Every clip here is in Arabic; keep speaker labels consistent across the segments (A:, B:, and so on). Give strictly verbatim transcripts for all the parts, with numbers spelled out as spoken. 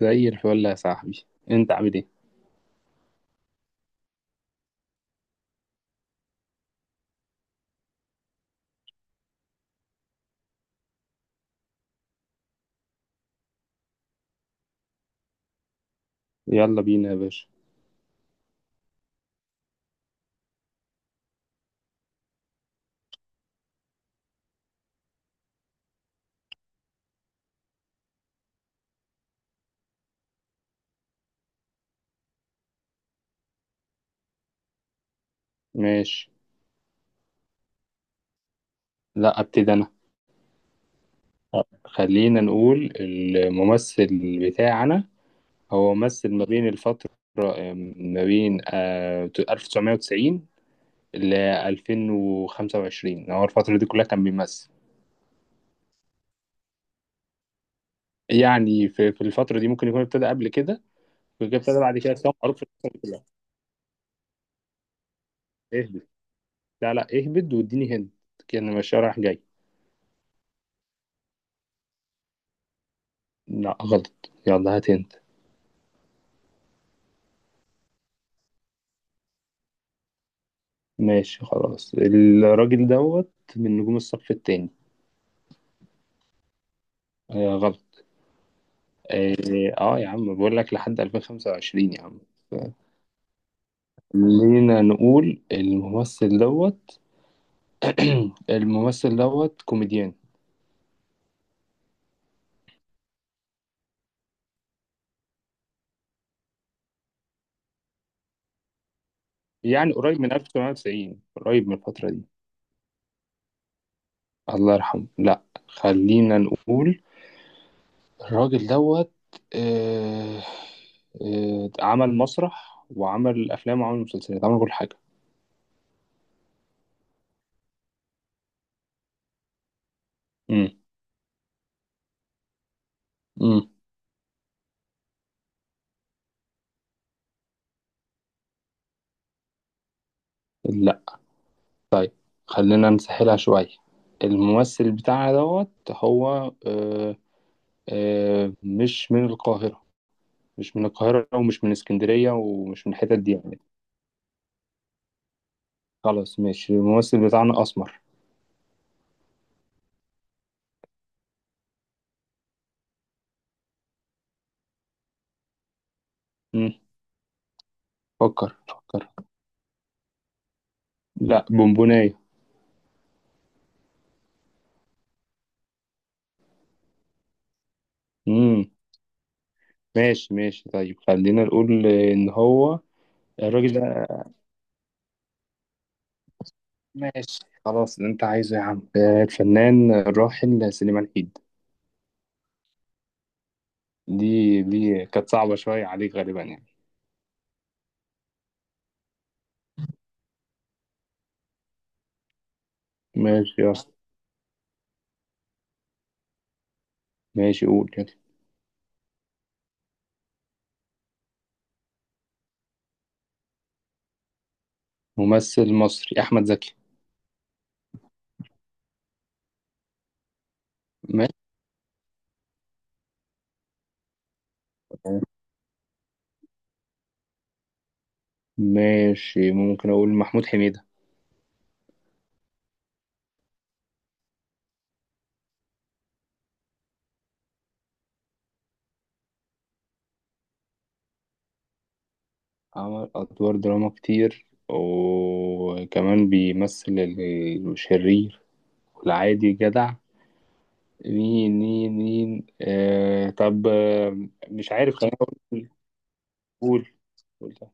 A: زي الفل يا صاحبي، انت عامل ايه؟ يلا بينا يا باشا. ماشي. لا ابتدي انا. خلينا نقول الممثل بتاعنا هو ممثل ما بين الفترة، ما بين آه، ألف وتسعمية وتسعين ل ألفين وخمسة وعشرين، هو الفترة دي كلها كان بيمثل. يعني في في الفترة دي ممكن يكون ابتدى قبل كده وابتدى بعد كده، بس هو معروف في الفترة كلها. اهبد. لا لا، اهبد واديني هند، كأن ماشي رايح جاي. لا غلط، يلا هات هند. ماشي خلاص، الراجل دوت من نجوم الصف التاني. آه غلط. اه آه يا عم بقول لك لحد ألفين وخمسة وعشرين يا عم. خلينا نقول الممثل دوت. الممثل دوت كوميديان. يعني قريب من ألف وتسعمية وتسعين، قريب من الفترة دي. الله يرحمه لا. خلينا نقول الراجل دوت. آه آه عمل مسرح وعمل أفلام وعمل مسلسلات، عمل كل حاجة. امم امم لا. طيب خلينا نسهلها شوية. الممثل بتاعنا دوت هو آه آه مش من القاهرة. مش من القاهرة ومش من اسكندرية ومش من الحتت دي يعني. خلاص ماشي، الممثل بتاعنا أسمر. مم. فكر فكر. لا بونبوناية. مم. ماشي ماشي، طيب خلينا نقول إن هو الراجل ده. ماشي خلاص، اللي أنت عايزه يا عم آه، الفنان الراحل سليمان عيد. دي دي كانت صعبة شوية عليك غالبا يعني. ماشي يلا. ماشي قول يلا. ممثل مصري أحمد زكي. ماشي. ماشي ممكن أقول محمود حميدة. عمل أدوار دراما كتير وكمان بيمثل الشرير والعادي جدع. مين مين مين، آه طب آه مش عارف، خليني أقول. قول قول ده.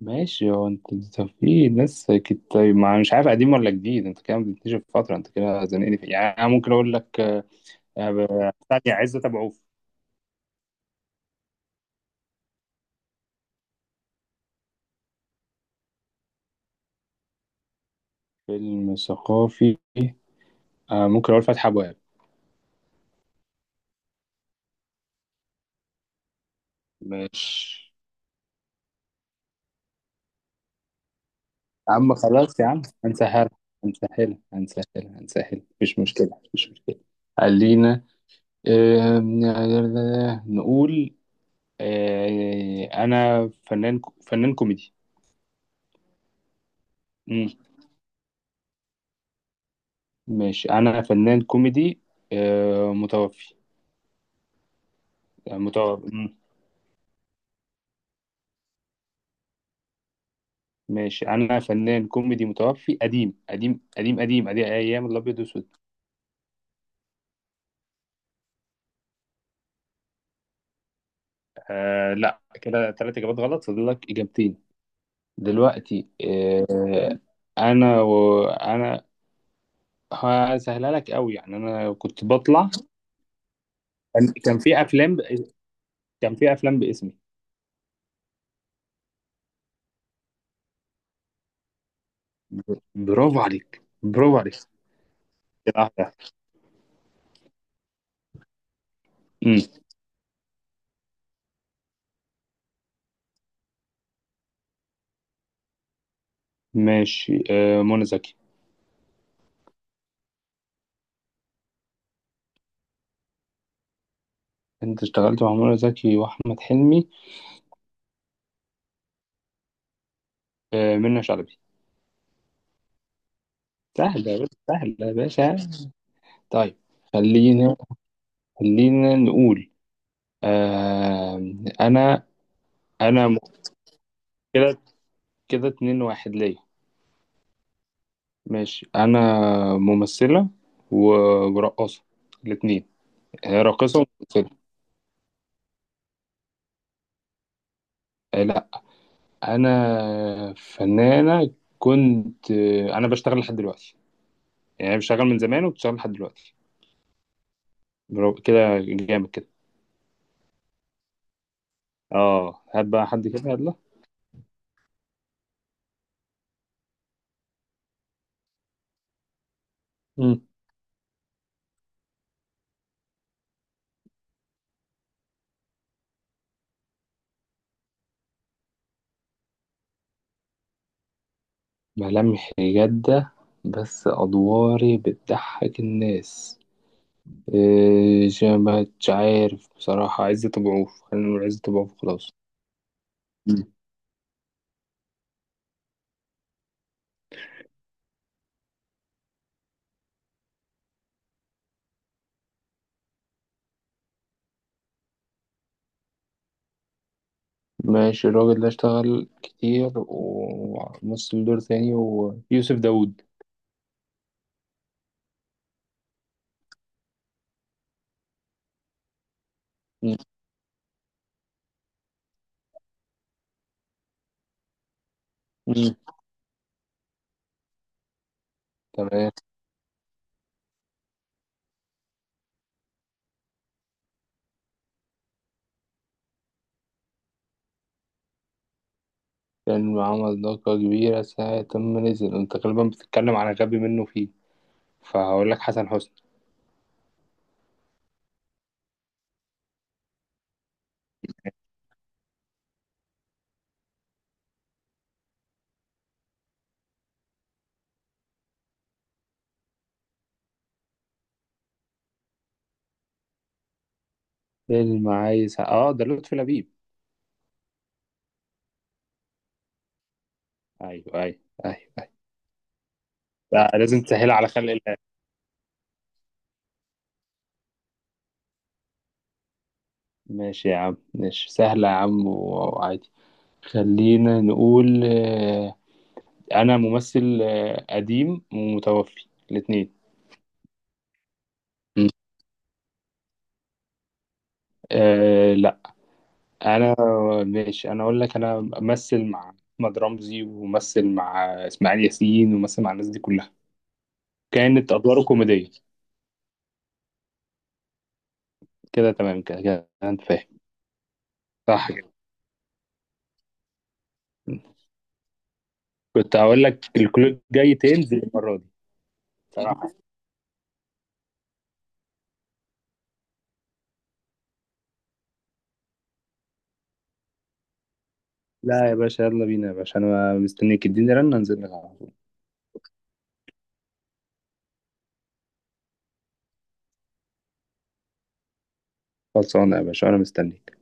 A: ماشي هو انت أنت في ناس كت... طيب ما مش عارف قديم ولا جديد، انت كده بتكتشف فترة، انت كده زنقني في، يعني انا ممكن اقول لك آه، ثانية عزت ابو عوف. فيلم ثقافي. آه ممكن اقول فتح ابواب. مش. يا عم خلاص يا عم، هنسهل هنسهل هنسهل هنسهل، مفيش مشكلة، مفيش مشكلة. خلينا آه نقول آه انا فنان، فنان كوميدي. مم. ماشي انا فنان كوميدي آه متوفي. متوفي. مم. ماشي انا فنان كوميدي متوفي، قديم قديم قديم قديم قديم، ايام الابيض والاسود. آه لا، كده ثلاث اجابات غلط، فاضل لك اجابتين دلوقتي. آه، انا وانا هسهلها لك قوي، يعني انا كنت بطلع. كان كان في افلام ب... كان في افلام باسمي. برافو عليك، برافو عليك كده. واحدة. امم ماشي آه، منى زكي. انت اشتغلت مع منى زكي واحمد حلمي. آه، منى شلبي. سهله يا باشا، سهله يا باشا. طيب. خلينا، خلينا نقول آه، انا. انا م- كده، كده اتنين واحد ليا. ماشي انا ممثله و- ورقاصه، الاثنين. هي راقصه وممثله. آه، لا، انا فنانه، كنت آه، انا بشتغل لحد دلوقتي، يعني بشتغل من زمان وبشتغل لحد دلوقتي. برافو، كده جامد كده. اه هات بقى حد كده، يلا. مم. ملامح جاده بس ادواري بتضحك الناس. إيه، مش عارف بصراحه، عزت ابو عوف، خلينا نقول عزت ابو عوف خلاص. ماشي الراجل ده اشتغل كتير وممثل دور تاني، ويوسف داوود. مم. مم. تمام. فيلم عمل ضجة كبيرة ساعة ما نزل، انت غالبا بتتكلم على غبي منه فيه، فهقول لك حسن حسني. فيلم عايز، اه ده لطفي لبيب. ايوه ايوه، ايوه ايوه. لا، لازم تسهل على خلق الله. ماشي يا عم، ماشي سهلة يا عم، و- وعادي. خلينا نقول آه، انا ممثل آه، قديم ومتوفي الاتنين. مم. آه، انا. ماشي انا اقول لك انا امثل مع احمد رمزي وممثل مع اسماعيل ياسين وممثل مع الناس دي كلها، كانت ادواره كوميديه. كده تمام كده، كده انت فاهم. صح كده. كنت هقول لك الكلود جاي تنزل المره دي. صراحه. لا يا باشا، يلا بينا يا باشا، انا مستنيك، اديني رن انزل لك على طول. خلصانه يا باشا، انا مستنيك.